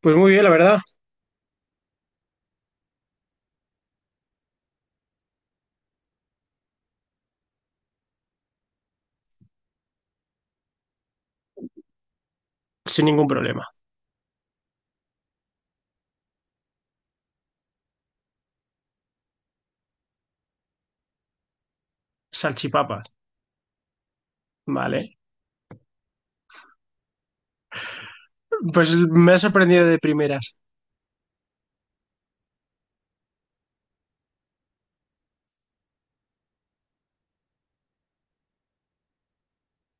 Pues muy bien, la verdad, sin ningún problema. Salchipapas, vale. Pues me ha sorprendido de primeras.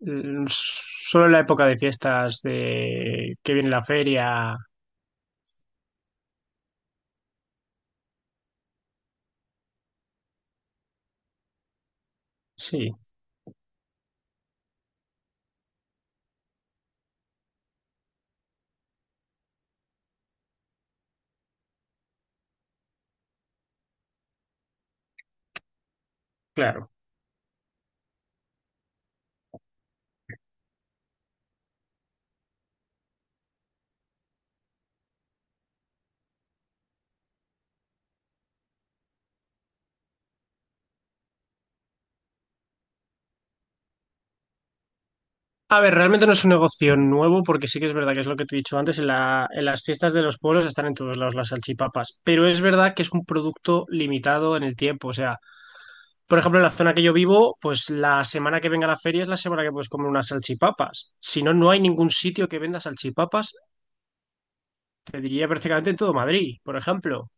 Solo en la época de fiestas, de que viene la feria. Sí, claro. A ver, realmente no es un negocio nuevo, porque sí que es verdad que es lo que te he dicho antes, en las fiestas de los pueblos están en todos lados las salchipapas, pero es verdad que es un producto limitado en el tiempo. O sea, por ejemplo, en la zona que yo vivo, pues la semana que venga la feria es la semana que puedes comer unas salchipapas. Si no, no hay ningún sitio que venda salchipapas te diría prácticamente en todo Madrid, por ejemplo.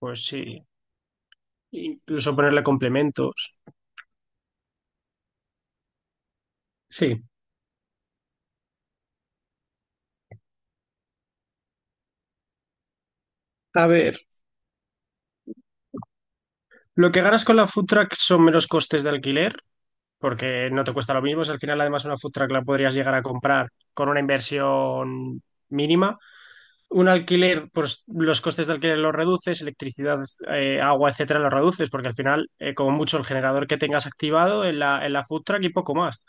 Pues sí, incluso ponerle complementos. Sí. A ver, lo que ganas con la food truck son menos costes de alquiler, porque no te cuesta lo mismo. Si al final, además, una food truck la podrías llegar a comprar con una inversión mínima. Un alquiler, pues los costes de alquiler los reduces, electricidad, agua, etcétera, los reduces, porque al final, como mucho, el generador que tengas activado en la food truck y poco más.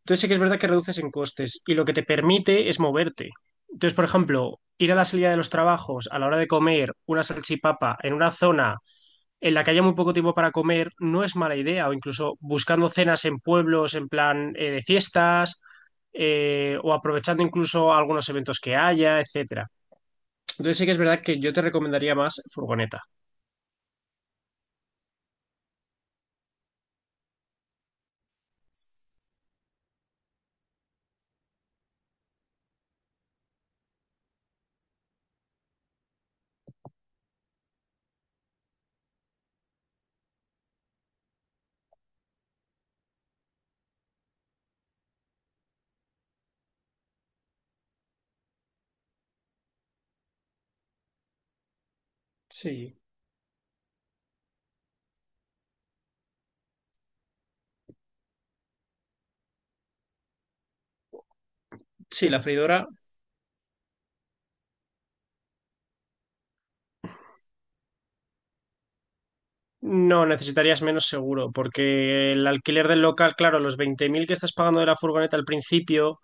Entonces sí que es verdad que reduces en costes y lo que te permite es moverte. Entonces, por ejemplo, ir a la salida de los trabajos a la hora de comer una salchipapa en una zona en la que haya muy poco tiempo para comer no es mala idea, o incluso buscando cenas en pueblos en plan de fiestas, o aprovechando incluso algunos eventos que haya, etcétera. Entonces sí que es verdad que yo te recomendaría más furgoneta. Sí, sí, la freidora. No, necesitarías menos seguro, porque el alquiler del local, claro, los 20.000 que estás pagando de la furgoneta al principio,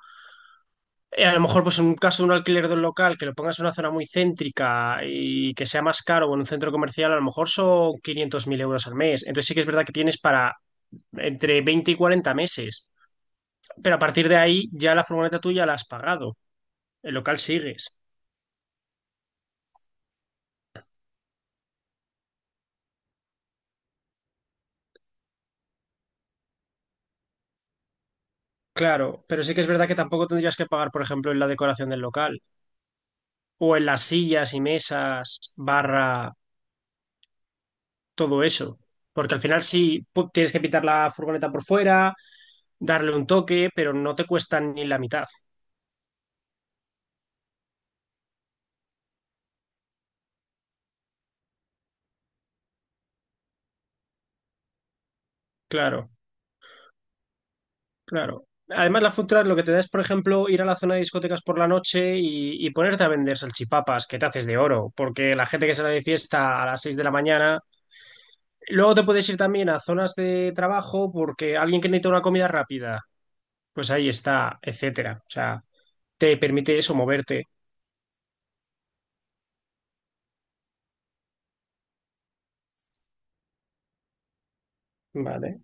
a lo mejor pues en un caso de un alquiler de un local que lo pongas en una zona muy céntrica y que sea más caro o en un centro comercial, a lo mejor son 500.000 euros al mes. Entonces sí que es verdad que tienes para entre 20 y 40 meses, pero a partir de ahí ya la furgoneta tuya la has pagado, el local sigues. Claro, pero sí que es verdad que tampoco tendrías que pagar, por ejemplo, en la decoración del local o en las sillas y mesas, barra todo eso. Porque al final sí tienes que pintar la furgoneta por fuera, darle un toque, pero no te cuesta ni la mitad. Claro, claro. Además, la food truck lo que te da es, por ejemplo, ir a la zona de discotecas por la noche y ponerte a vender salchipapas, que te haces de oro, porque la gente que sale de fiesta a las 6 de la mañana. Luego te puedes ir también a zonas de trabajo porque alguien que necesita una comida rápida, pues ahí está, etcétera. O sea, te permite eso moverte. Vale,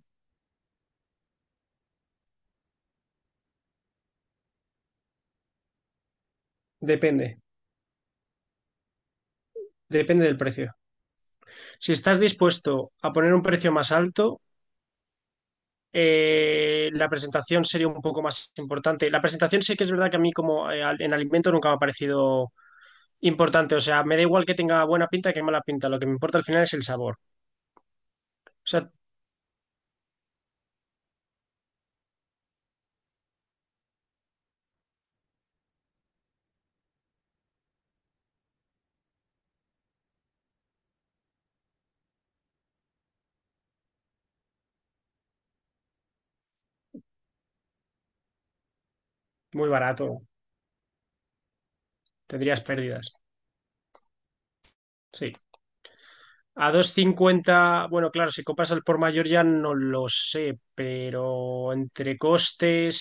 depende, depende del precio. Si estás dispuesto a poner un precio más alto, la presentación sería un poco más importante. La presentación sí que es verdad que a mí como en alimento nunca me ha parecido importante. O sea, me da igual que tenga buena pinta que mala pinta. Lo que me importa al final es el sabor. O sea, muy barato. Tendrías pérdidas. Sí. A dos cincuenta, bueno, claro, si compras al por mayor ya no lo sé, pero entre costes.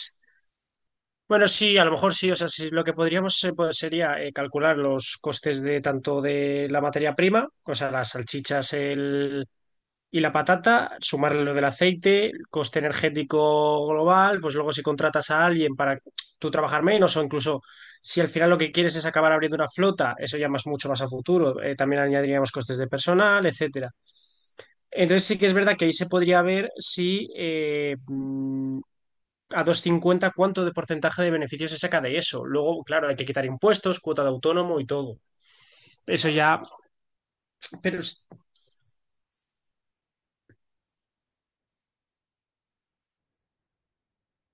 Bueno, sí, a lo mejor sí. O sea, sí, lo que podríamos pues, sería calcular los costes de tanto de la materia prima, o sea, las salchichas el, y la patata, sumarle lo del aceite, el coste energético global, pues luego si contratas a alguien para tú trabajar menos o incluso si al final lo que quieres es acabar abriendo una flota, eso ya más mucho más a futuro. También añadiríamos costes de personal, etcétera. Entonces sí que es verdad que ahí se podría ver si a 2,50 ¿cuánto de porcentaje de beneficio se saca de eso? Luego, claro, hay que quitar impuestos, cuota de autónomo y todo. Eso ya, pero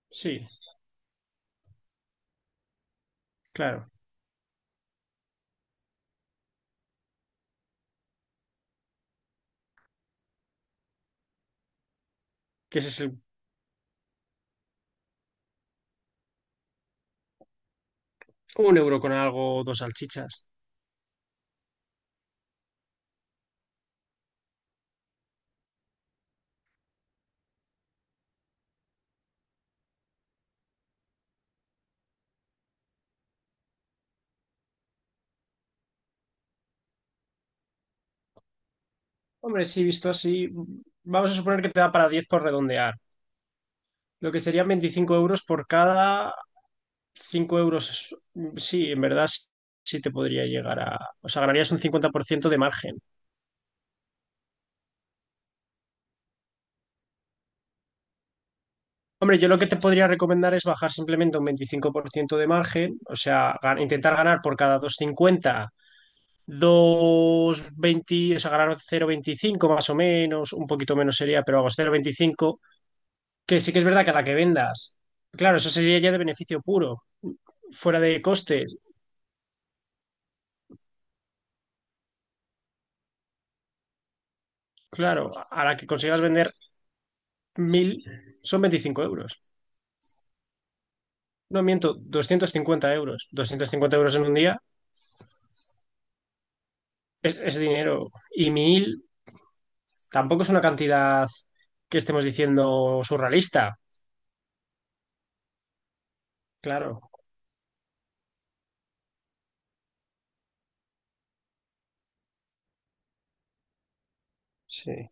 sí, claro, que ese es el, un euro con algo, dos salchichas. Hombre, sí, visto así, vamos a suponer que te da para 10 por redondear. Lo que serían 25 euros por cada 5 euros. Sí, en verdad sí te podría llegar a... O sea, ganarías un 50% de margen. Hombre, yo lo que te podría recomendar es bajar simplemente un 25% de margen, o sea, intentar ganar por cada 2,50, 2,20, o sea, ganar 0,25 más o menos, un poquito menos sería, pero vamos, 0,25. Que sí que es verdad que a la que vendas, claro, eso sería ya de beneficio puro, fuera de costes, claro, a la que consigas vender 1.000, son 25 euros. No miento, 250 euros, 250 euros en un día es dinero y 1.000. Tampoco es una cantidad que estemos diciendo surrealista, claro. Sí.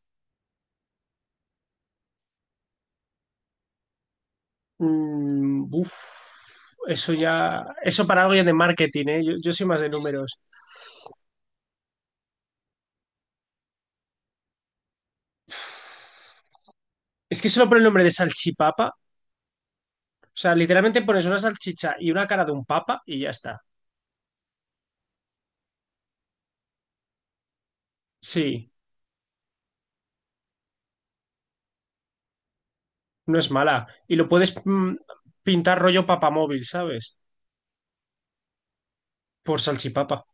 Mm, uf, eso ya, eso para algo ya de marketing, ¿eh? Yo soy más de números. Es que solo por el nombre de salchipapa, o sea, literalmente pones una salchicha y una cara de un papa y ya está. Sí, no es mala. Y lo puedes pintar rollo papamóvil, ¿sabes? Por salchipapa,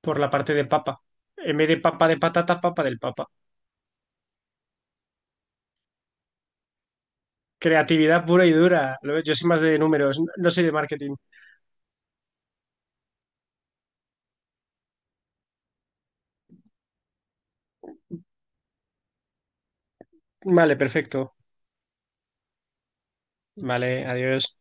por la parte de papa. En vez de papa de patata, papa del papa. Creatividad pura y dura. ¿Lo ves? Yo soy más de números, no soy de marketing. Vale, perfecto. Vale, adiós.